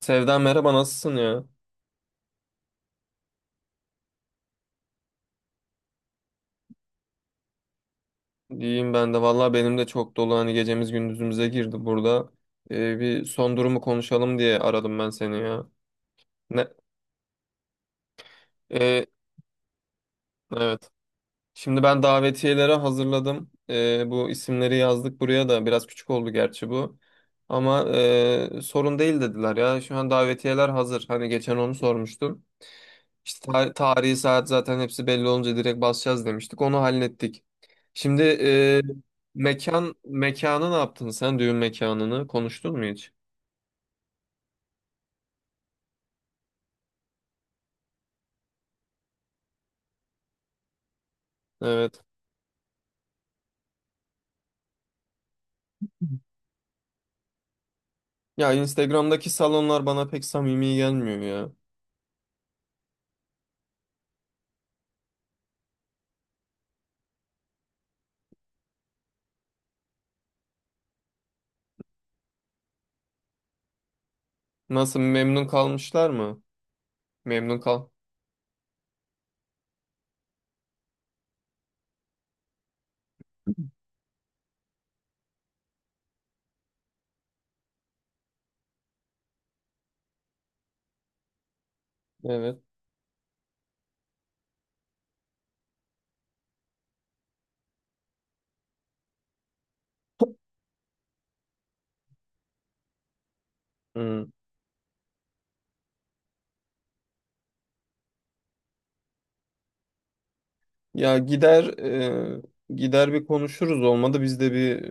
Sevda merhaba nasılsın ya? İyiyim ben de. Vallahi benim de çok dolu hani gecemiz gündüzümüze girdi burada. Bir son durumu konuşalım diye aradım ben seni ya. Ne? Ee, evet. Şimdi ben davetiyeleri hazırladım. Bu isimleri yazdık buraya da. Biraz küçük oldu gerçi bu. Ama sorun değil dediler ya. Şu an davetiyeler hazır. Hani geçen onu sormuştum. İşte tarihi saat zaten hepsi belli olunca direkt basacağız demiştik. Onu hallettik. Şimdi mekanı ne yaptın sen? Düğün mekanını konuştun mu hiç? Evet. Ya Instagram'daki salonlar bana pek samimi gelmiyor ya. Nasıl memnun kalmışlar mı? Memnun kal. Evet. Hı. Ya gider bir konuşuruz, olmadı biz de bir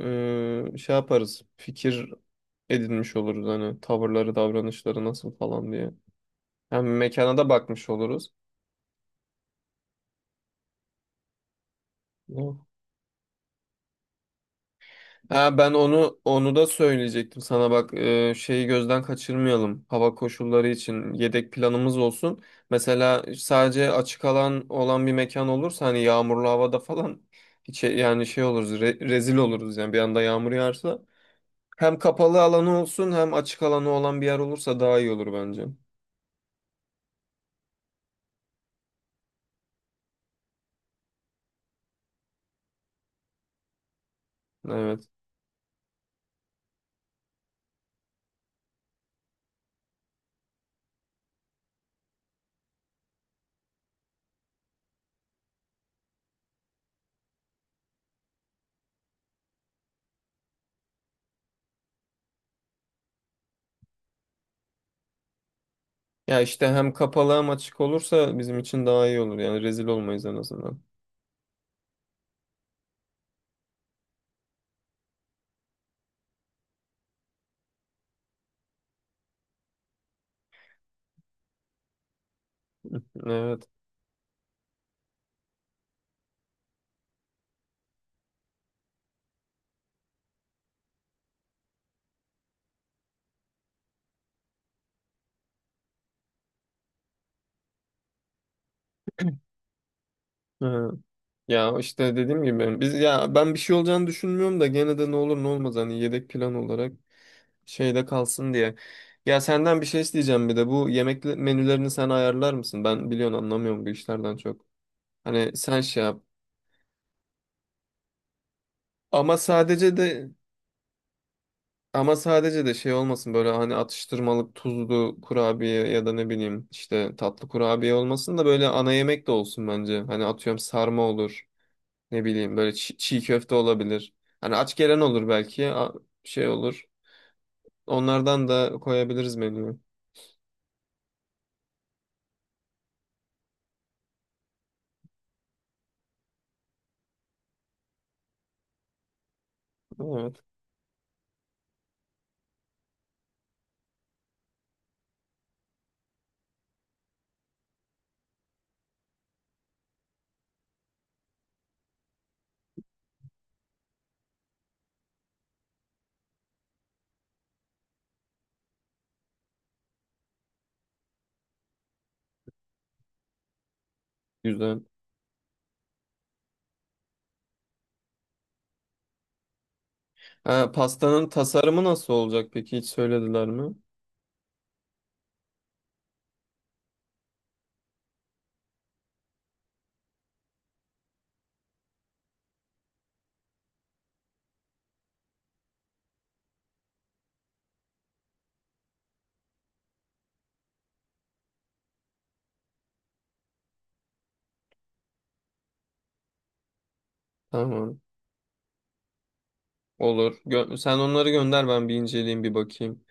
şey yaparız. Fikir edinmiş oluruz hani tavırları, davranışları nasıl falan diye. Hem mekana da bakmış oluruz. Hı. Ha, ben onu da söyleyecektim sana bak, şeyi gözden kaçırmayalım, hava koşulları için yedek planımız olsun. Mesela sadece açık alan olan bir mekan olursa hani yağmurlu havada falan hiç, yani şey oluruz, rezil oluruz yani bir anda yağmur yağarsa. Hem kapalı alanı olsun hem açık alanı olan bir yer olursa daha iyi olur bence. Evet. Ya işte hem kapalı hem açık olursa bizim için daha iyi olur yani, rezil olmayız en azından. Evet. Evet. Ya işte dediğim gibi biz, ya ben bir şey olacağını düşünmüyorum da gene de ne olur ne olmaz, hani yedek plan olarak şeyde kalsın diye. Ya senden bir şey isteyeceğim bir de, bu yemek menülerini sen ayarlar mısın? Ben biliyorsun anlamıyorum bu işlerden çok. Hani sen şey yap. Ama sadece de ama sadece de şey olmasın, böyle hani atıştırmalık tuzlu kurabiye ya da ne bileyim işte tatlı kurabiye olmasın da böyle ana yemek de olsun bence. Hani atıyorum sarma olur. Ne bileyim böyle çiğ köfte olabilir. Hani aç gelen olur belki. Şey olur. Onlardan da koyabiliriz menüye. Evet. Güzel. Ha, pastanın tasarımı nasıl olacak peki? Hiç söylediler mi? Tamam. Olur. Sen onları gönder, ben bir inceleyeyim bir bakayım.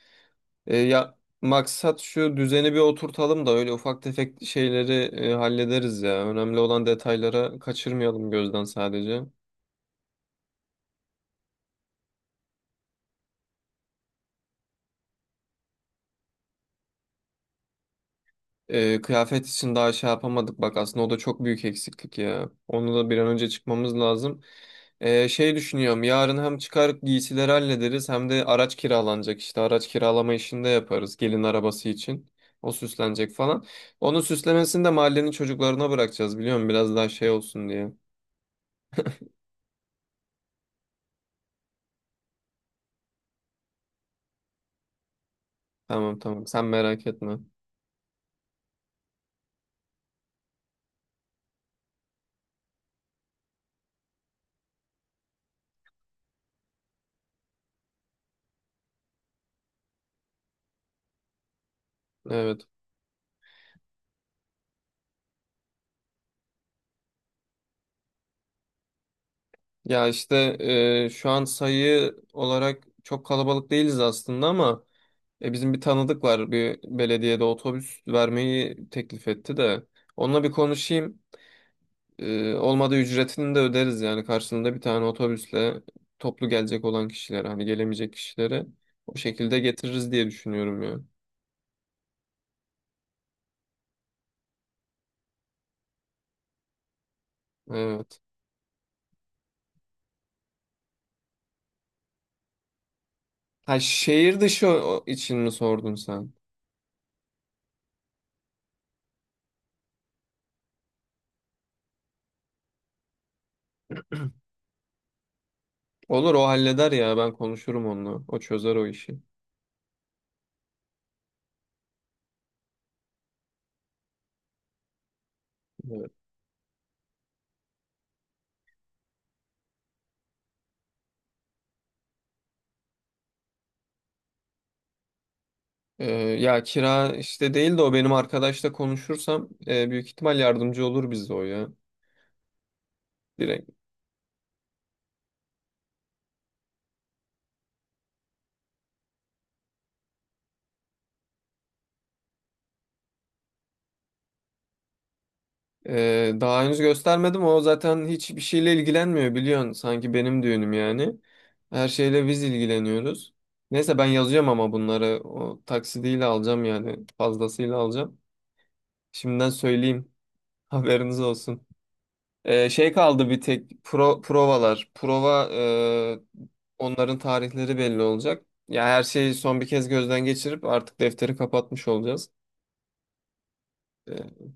Ya maksat şu düzeni bir oturtalım da öyle ufak tefek şeyleri hallederiz ya. Önemli olan detaylara kaçırmayalım gözden sadece. Kıyafet için daha şey yapamadık bak aslında, o da çok büyük eksiklik ya. Onu da bir an önce çıkmamız lazım. Şey düşünüyorum, yarın hem çıkar giysileri hallederiz hem de araç kiralanacak, işte araç kiralama işini de yaparız gelin arabası için. O süslenecek falan. Onun süslemesini de mahallenin çocuklarına bırakacağız, biliyor musun? Biraz daha şey olsun diye. Tamam tamam, sen merak etme. Evet. Ya işte şu an sayı olarak çok kalabalık değiliz aslında, ama bizim bir tanıdık var, bir belediyede otobüs vermeyi teklif etti de onunla bir konuşayım. Olmadı ücretini de öderiz yani karşılığında, bir tane otobüsle toplu gelecek olan kişilere, hani gelemeyecek kişilere o şekilde getiririz diye düşünüyorum ya. Evet. Ha, şehir dışı o için mi sordun sen? Olur, o halleder ya, ben konuşurum onunla. O çözer o işi. Evet. Ya kira işte değil de, o benim arkadaşla konuşursam büyük ihtimal yardımcı olur bize o ya. Direkt. Daha henüz göstermedim. O zaten hiçbir şeyle ilgilenmiyor biliyorsun. Sanki benim düğünüm yani. Her şeyle biz ilgileniyoruz. Neyse, ben yazacağım ama bunları o taksidiyle alacağım yani, fazlasıyla alacağım. Şimdiden söyleyeyim. Haberiniz olsun. Şey kaldı bir tek, provalar. Onların tarihleri belli olacak. Ya her şeyi son bir kez gözden geçirip artık defteri kapatmış olacağız. Ee,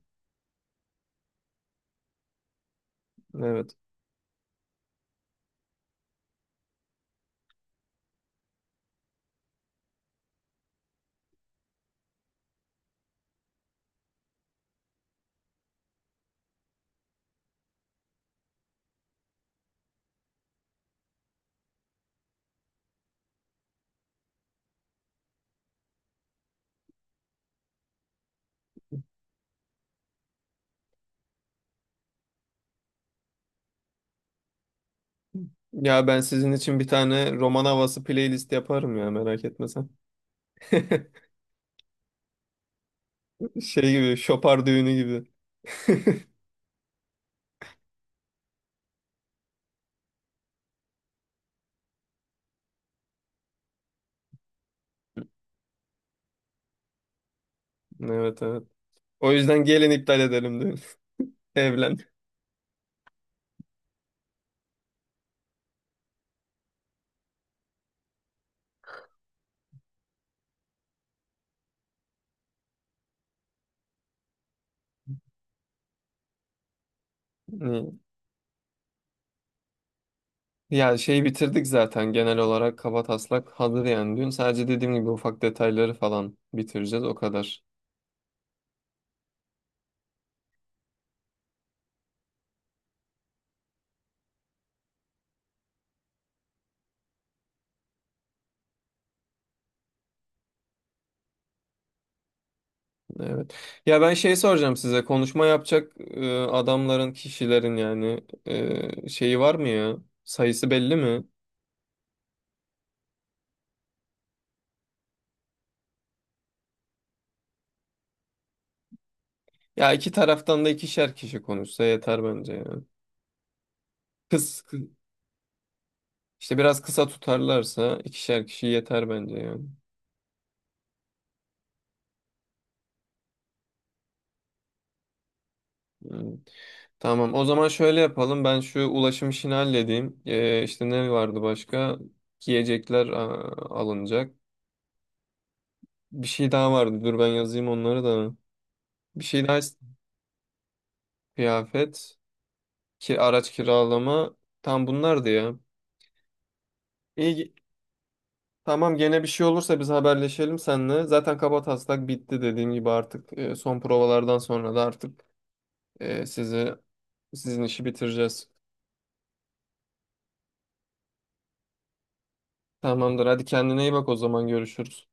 evet. Ya ben sizin için bir tane roman havası playlist yaparım ya, merak etme sen. Şey gibi, şopar düğünü gibi. Evet evet. O yüzden gelin iptal edelim düğünü. Evlen. İyi. Ya şeyi bitirdik zaten, genel olarak kabataslak hazır yani düğün. Sadece dediğim gibi ufak detayları falan bitireceğiz o kadar. Evet. Ya ben şey soracağım size, konuşma yapacak adamların, kişilerin yani, şeyi var mı ya? Sayısı belli mi? Ya iki taraftan da ikişer kişi konuşsa yeter bence ya. Kız, kı- işte biraz kısa tutarlarsa ikişer kişi yeter bence yani. Hmm. Tamam, o zaman şöyle yapalım, ben şu ulaşım işini halledeyim. İşte ne vardı başka? Yiyecekler alınacak. Bir şey daha vardı, dur ben yazayım onları da. Bir şey daha kıyafet, ki araç kiralama, tam bunlardı ya. İyi, tamam, gene bir şey olursa biz haberleşelim seninle. Zaten kabataslak bitti dediğim gibi, artık son provalardan sonra da artık Ee, sizi sizin işi bitireceğiz. Tamamdır. Hadi kendine iyi bak, o zaman görüşürüz.